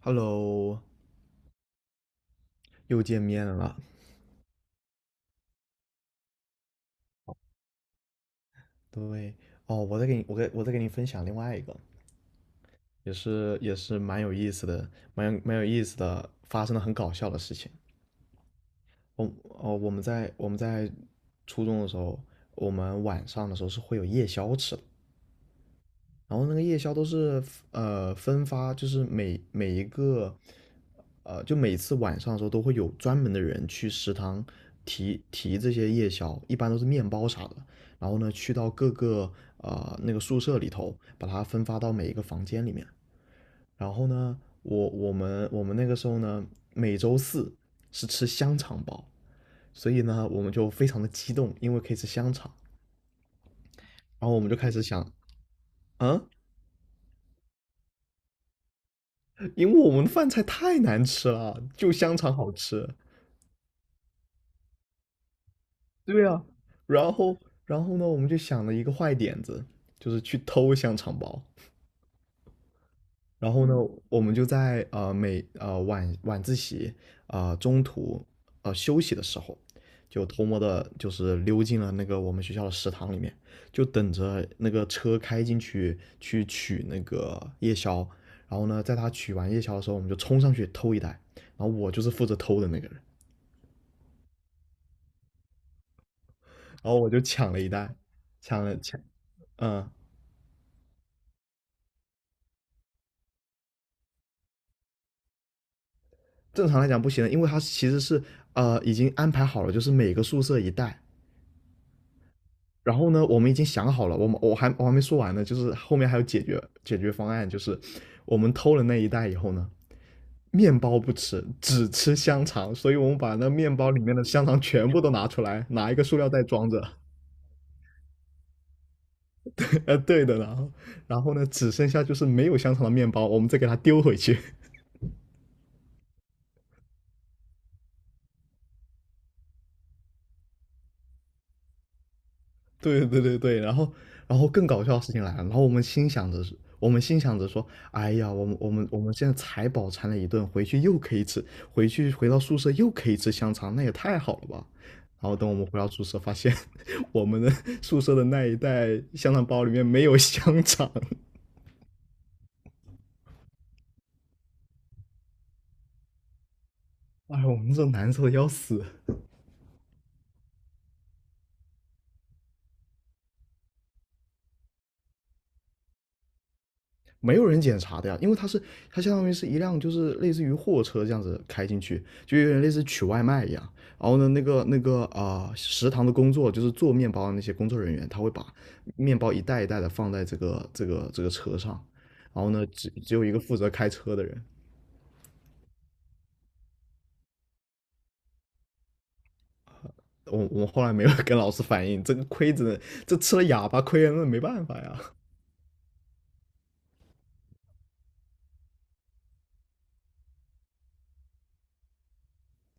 Hello，又见面了。对，哦，我再给你分享另外一个，也是蛮有意思的，蛮有意思的，发生了很搞笑的事情。我哦，我们在初中的时候，我们晚上的时候是会有夜宵吃的。然后那个夜宵都是分发，就是每每一个呃，就每次晚上的时候都会有专门的人去食堂提这些夜宵，一般都是面包啥的。然后呢，去到各个那个宿舍里头，把它分发到每一个房间里面。然后呢，我们那个时候呢，每周四是吃香肠包，所以呢，我们就非常的激动，因为可以吃香肠。然后我们就开始想，嗯。因为我们的饭菜太难吃了，就香肠好吃。对啊，然后，然后呢，我们就想了一个坏点子，就是去偷香肠包。然后呢，我们就在每晚自习中途休息的时候，就偷摸的，就是溜进了那个我们学校的食堂里面，就等着那个车开进去去取那个夜宵。然后呢，在他取完夜宵的时候，我们就冲上去偷一袋。然后我就是负责偷的那个人。然后我就抢了一袋，抢了抢，嗯，正常来讲不行的，因为它其实是已经安排好了，就是每个宿舍一袋。然后呢，我们已经想好了，我们我还没说完呢，就是后面还有解决方案，就是我们偷了那一袋以后呢，面包不吃，只吃香肠，所以我们把那面包里面的香肠全部都拿出来，拿一个塑料袋装着，呃，对的，然后呢，只剩下就是没有香肠的面包，我们再给它丢回去。对对对对，然后更搞笑的事情来了，然后我们心想着是，我们心想着说，哎呀，我们现在才饱餐了一顿，回去又可以吃，回去回到宿舍又可以吃香肠，那也太好了吧。然后等我们回到宿舍，发现 我们的 宿舍的那一袋香肠包里面没有香肠，哎，我们这难受的要死。没有人检查的呀，因为它是它相当于是一辆就是类似于货车这样子开进去，就有点类似取外卖一样。然后呢，啊、呃食堂的工作就是做面包的那些工作人员，他会把面包一袋一袋的放在这个车上，然后呢，只有一个负责开车的人。我后来没有跟老师反映，这个亏着这吃了哑巴亏了，那没办法呀。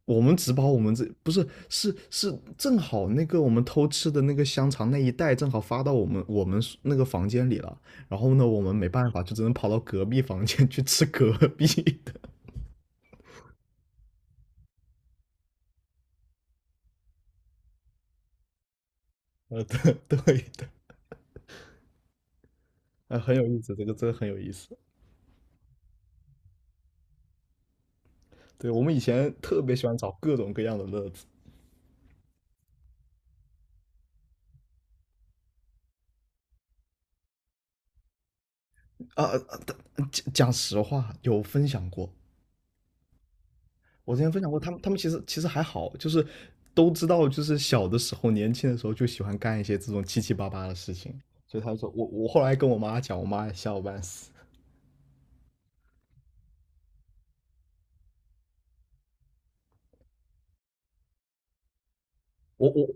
我们只把我们这不是是正好那个我们偷吃的那个香肠那一袋正好发到我们那个房间里了，然后呢我们没办法就只能跑到隔壁房间去吃隔壁的 呃对 对的，哎很有意思，这个真的很有意思。对我们以前特别喜欢找各种各样的乐子。啊，啊但讲实话有分享过，我之前分享过，他们其实还好，就是都知道，就是小的时候、年轻的时候就喜欢干一些这种七七八八的事情。所以他说我后来跟我妈讲，我妈也吓我半死。我我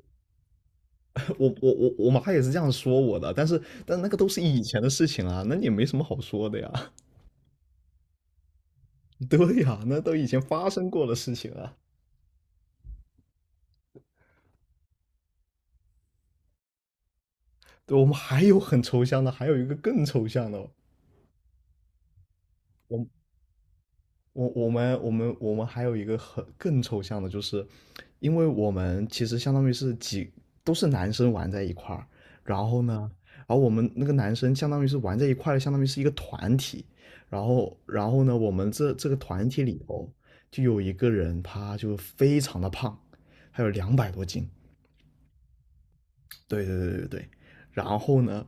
我妈也是这样说我的，但是但那个都是以前的事情啊，那也没什么好说的呀。对呀，那都以前发生过的事情啊。对，我们还有很抽象的，还有一个更抽象的，我我们还有一个很更抽象的，就是因为我们其实相当于是几都是男生玩在一块儿，然后呢，然后我们那个男生相当于是玩在一块儿的，相当于是一个团体，然后呢，我们这个团体里头就有一个人他就非常的胖，还有200多斤，对对对对对，然后呢，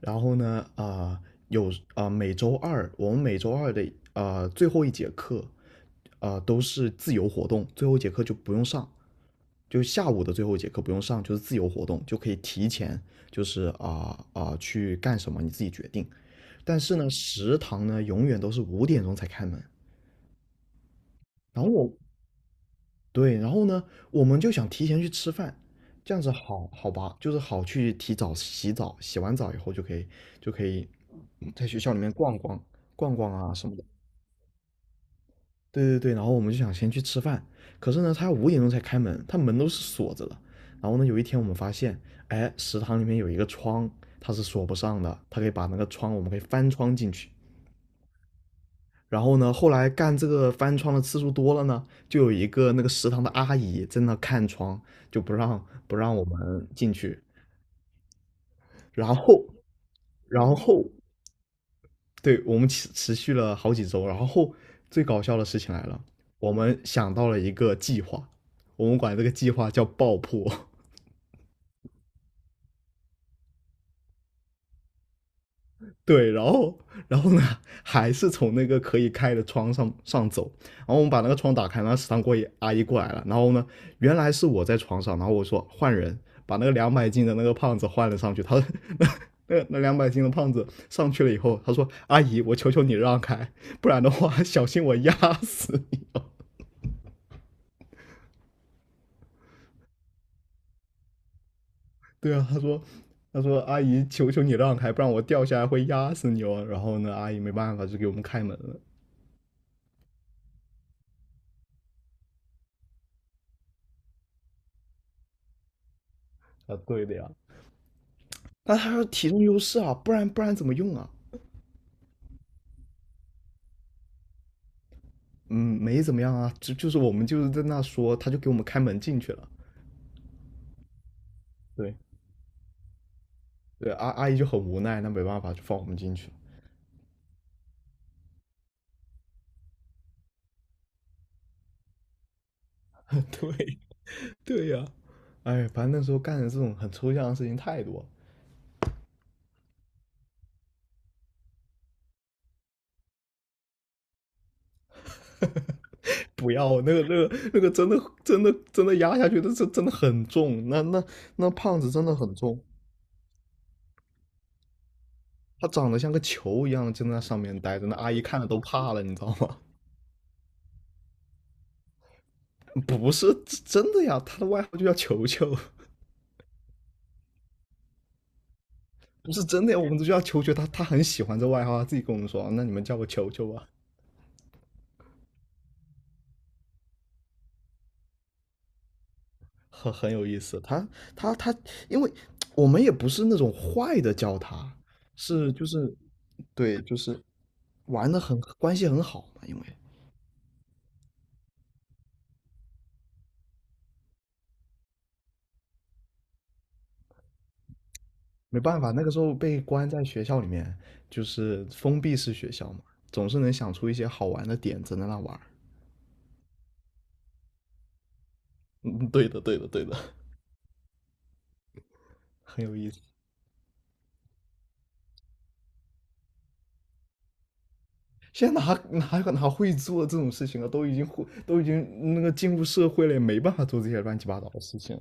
然后呢，啊、呃有每周二我们每周二的最后一节课都是自由活动，最后一节课就不用上，就下午的最后一节课不用上，就是自由活动，就可以提前就是去干什么你自己决定。但是呢，食堂呢永远都是五点钟才开门，然后我对，然后呢，我们就想提前去吃饭，这样子好吧，就是好去提早洗澡，洗完澡以后就可以就可以嗯在学校里面逛逛啊什么的。对对对，然后我们就想先去吃饭，可是呢，他五点钟才开门，他门都是锁着的。然后呢，有一天我们发现，哎，食堂里面有一个窗，它是锁不上的，它可以把那个窗，我们可以翻窗进去。然后呢，后来干这个翻窗的次数多了呢，就有一个那个食堂的阿姨在那看窗，就不让我们进去。然后，然后，对，我们持续了好几周。然后最搞笑的事情来了，我们想到了一个计划，我们管这个计划叫爆破。对，然后，然后呢，还是从那个可以开的窗上走，然后我们把那个窗打开，然后食堂过阿姨过来了，然后呢，原来是我在床上，然后我说换人，把那个两百斤的那个胖子换了上去，他那那两百斤的胖子上去了以后，他说阿姨，我求求你让开，不然的话小心我压死你。对啊，他说阿姨，求求你让开，不然我掉下来会压死你哦。然后呢，阿姨没办法，就给我们开门了。啊，对的呀。那他说体重优势啊，不然怎么用啊？嗯，没怎么样啊，就是我们就是在那说，他就给我们开门进去了。对对，阿姨就很无奈，那没办法，就放我们进去了。对对呀、哎，反正那时候干的这种很抽象的事情太多了。不要那个真的压下去，那这真的很重，那胖子真的很重，他长得像个球一样，就在那上面待着，那阿姨看了都怕了，你知道吗？不是真的呀，他的外号就叫球球。不是真的，我们就叫球球，他很喜欢这外号，他自己跟我们说，那你们叫我球球吧，很有意思。他，因为我们也不是那种坏的叫他，是就是对，就是玩的很关系很好嘛，因为没办法，那个时候被关在学校里面，就是封闭式学校嘛，总是能想出一些好玩的点子在那玩儿。嗯，对的，对的，对的，很有意思。现在哪会做这种事情啊？都已经都已经那个进入社会了，也没办法做这些乱七八糟的事情。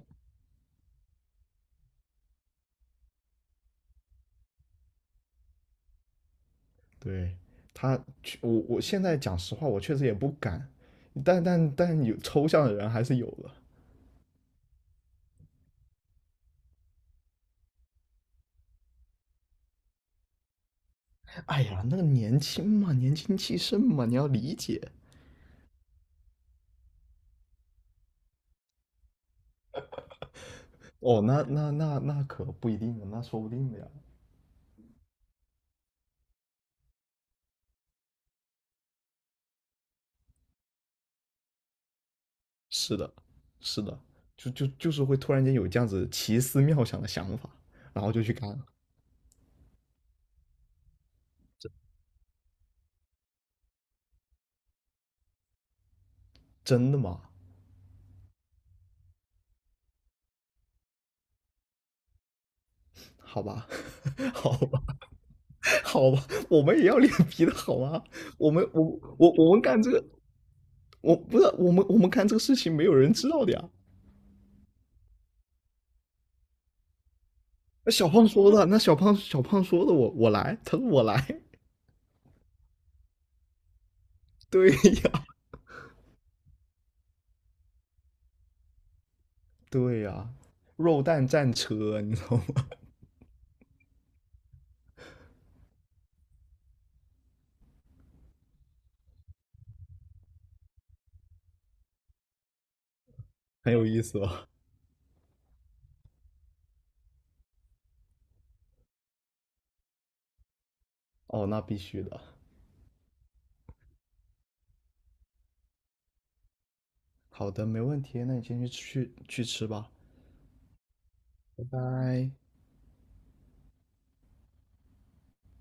对他，我现在讲实话，我确实也不敢，但有抽象的人还是有的。哎呀，那个年轻嘛，年轻气盛嘛，你要理解。哦，那可不一定的，那说不定的呀。是的，是的，就是会突然间有这样子奇思妙想的想法，然后就去干了。真真的吗？好吧，好吧。好吧，我们也要脸皮的好吗？我们我我们干这个，我不是我们干这个事情没有人知道的呀。那小胖说的，那小胖说的我，我来，他说我来，对呀对呀，肉蛋战车，你知道吗？很有意思吧？哦，那必须的。好的，没问题，那你先去吃吧，拜拜。